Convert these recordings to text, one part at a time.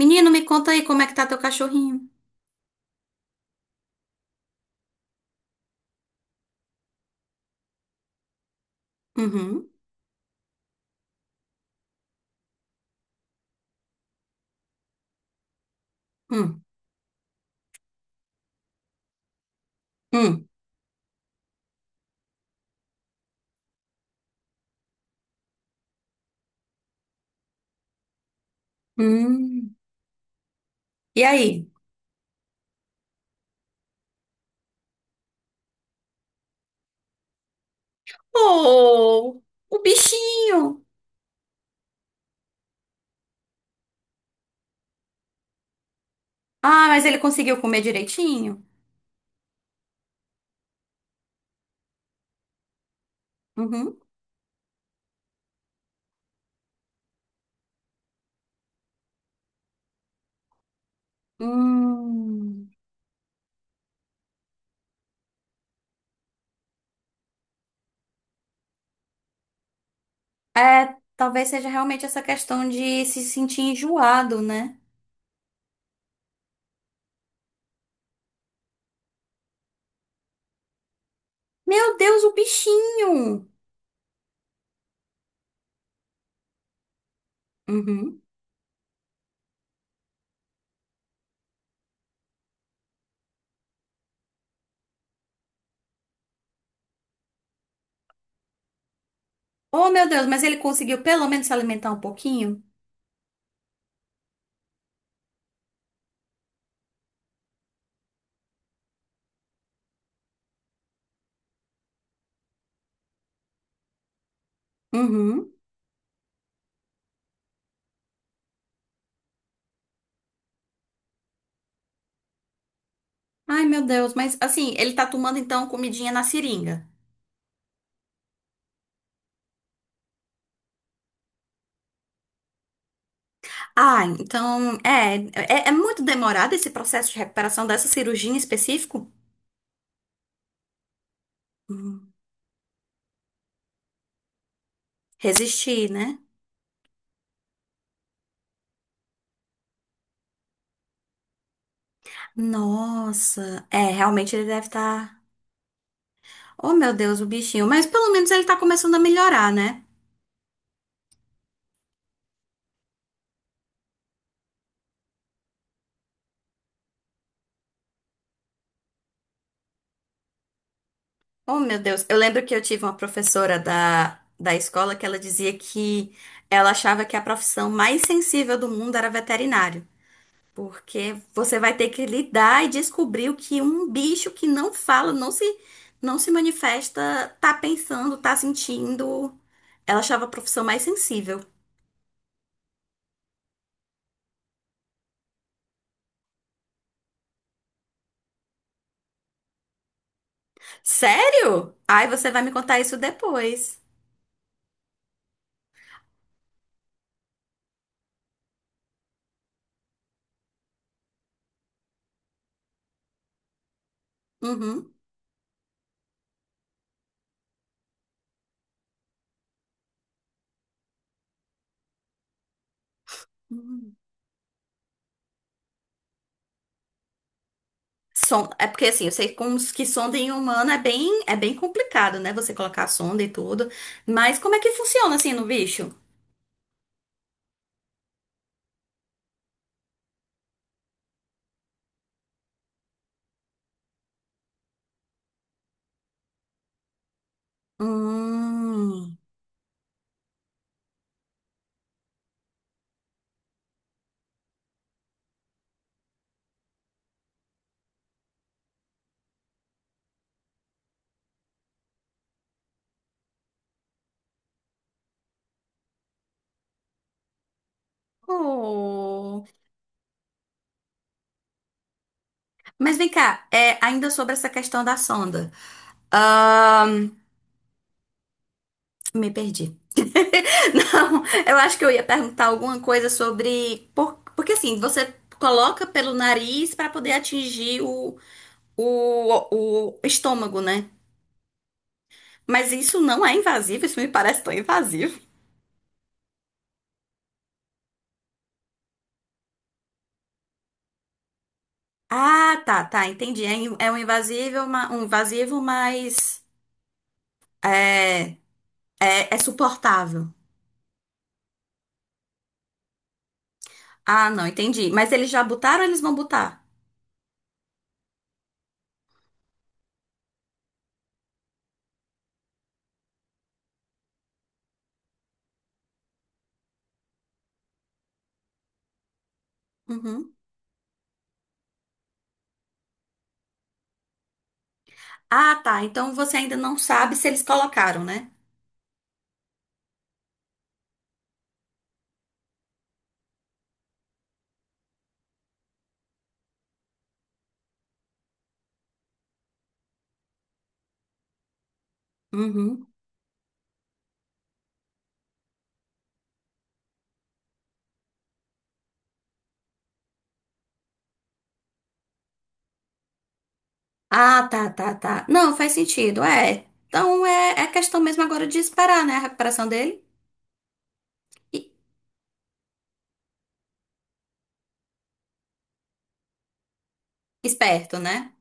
Menino, me conta aí como é que tá teu cachorrinho. Uhum. Hum. Hum. Hum. E aí? Oh, o bichinho! Ah, mas ele conseguiu comer direitinho? Uhum. Hum. É, talvez seja realmente essa questão de se sentir enjoado, né? Meu Deus, o bichinho! Uhum. Oh, meu Deus, mas ele conseguiu pelo menos se alimentar um pouquinho? Uhum. Ai, meu Deus, mas assim, ele tá tomando então comidinha na seringa. Ah, então, é muito demorado esse processo de recuperação dessa cirurgia em específico? Hum, resistir, né? Nossa, é, realmente ele deve estar. Oh, meu Deus, o bichinho. Mas pelo menos ele tá começando a melhorar, né? Oh, meu Deus. Eu lembro que eu tive uma professora da escola que ela dizia que ela achava que a profissão mais sensível do mundo era veterinário. Porque você vai ter que lidar e descobrir o que um bicho que não fala, não se manifesta, tá pensando, tá sentindo. Ela achava a profissão mais sensível. Sério? Ai, você vai me contar isso depois. Uhum. Uhum. É porque assim, eu sei como os que sonda em humano é bem complicado, né? Você colocar a sonda e tudo. Mas como é que funciona assim no bicho? Hum. Oh. Mas vem cá, é, ainda sobre essa questão da sonda. Ahn, me perdi. Não, eu acho que eu ia perguntar alguma coisa sobre. Porque assim, você coloca pelo nariz para poder atingir o estômago, né? Mas isso não é invasivo, isso me parece tão invasivo. Ah, tá, tá, entendi. É, é um um invasivo, mas é, é suportável. Ah, não, entendi. Mas eles já botaram ou eles vão botar? Uhum. Ah, tá. Então você ainda não sabe se eles colocaram, né? Uhum. Ah, tá. Não, faz sentido, é. Então é, é questão mesmo agora de esperar, né, a recuperação dele. E, esperto, né?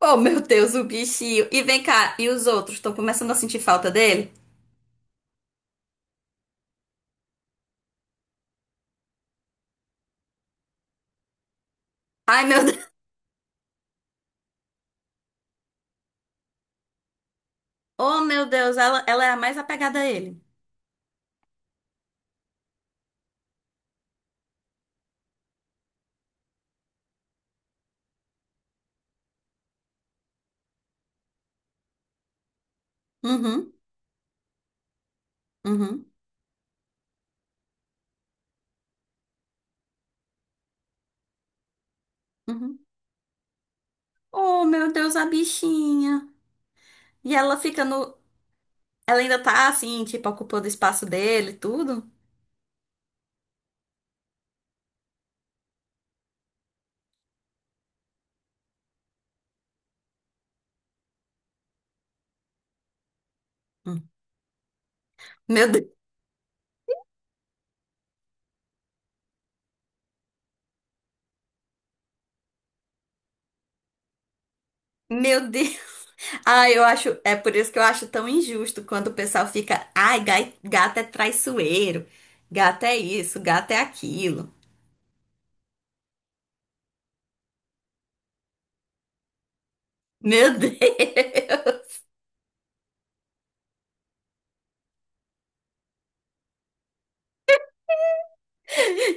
Oh, meu Deus, o bichinho. E vem cá, e os outros? Estão começando a sentir falta dele? Ai, meu Deus. Oh, meu Deus, ela é a mais apegada a ele. Uhum, uhum, uhum. Oh, meu Deus, a bichinha. E ela fica no. Ela ainda tá assim, tipo, ocupando o espaço dele, e tudo. Hum. Meu Deus. Meu Deus. Ah, eu acho, é por isso que eu acho tão injusto quando o pessoal fica, ai, gato é traiçoeiro, gato é isso, gato é aquilo. Meu Deus!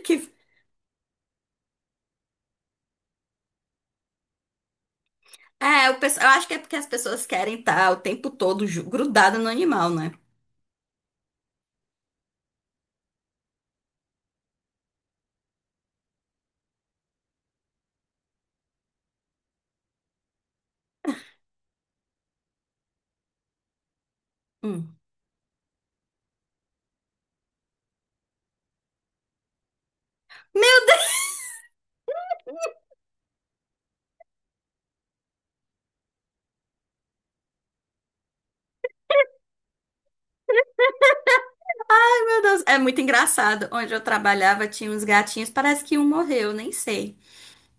Que, é, o pessoal, eu acho que é porque as pessoas querem estar o tempo todo grudada no animal, né? Hum. Meu Deus, é muito engraçado. Onde eu trabalhava tinha uns gatinhos, parece que um morreu, nem sei.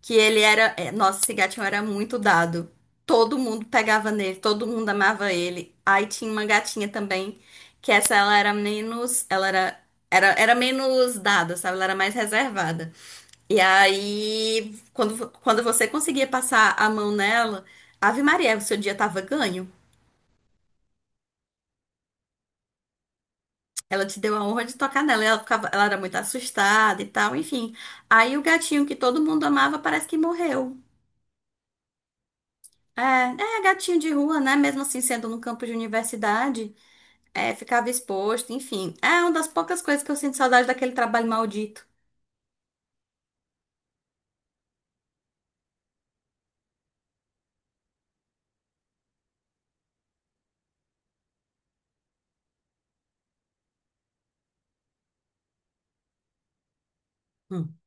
Que ele era, é, nossa, esse gatinho era muito dado. Todo mundo pegava nele, todo mundo amava ele. Aí tinha uma gatinha também, que essa ela era menos, era menos dada, sabe? Ela era mais reservada. E aí, quando você conseguia passar a mão nela, Ave Maria, o seu dia tava ganho. Ela te deu a honra de tocar nela. E ela ficava, ela era muito assustada e tal, enfim. Aí o gatinho que todo mundo amava parece que morreu. É, é gatinho de rua, né? Mesmo assim, sendo no campo de universidade, é, ficava exposto, enfim. É uma das poucas coisas que eu sinto saudade daquele trabalho maldito. Hum.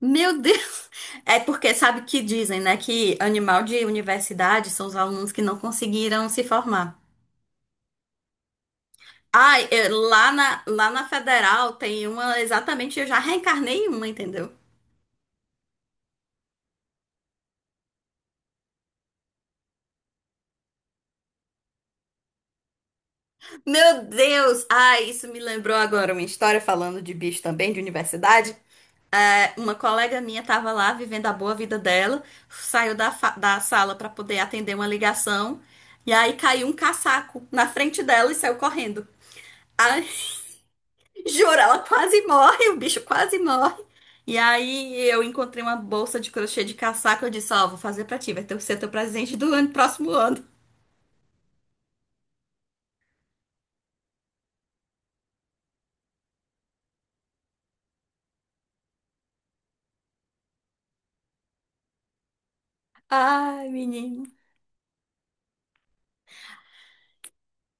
Meu Deus! É porque sabe que dizem, né? Que animal de universidade são os alunos que não conseguiram se formar. Ai, lá na Federal tem uma exatamente, eu já reencarnei em uma, entendeu? Meu Deus! Ai, isso me lembrou agora uma história falando de bicho também, de universidade. É, uma colega minha estava lá vivendo a boa vida dela, saiu da sala para poder atender uma ligação, e aí caiu um caçaco na frente dela e saiu correndo. Ai, juro, ela quase morre, o bicho quase morre. E aí eu encontrei uma bolsa de crochê de caçaco, eu disse, ó, vou fazer pra ti, vai ter que ser teu presente do ano, próximo ano. Ai, menino.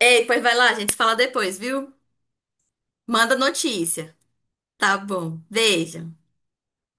Ei, pois vai lá, a gente se fala depois, viu? Manda notícia. Tá bom, beijo.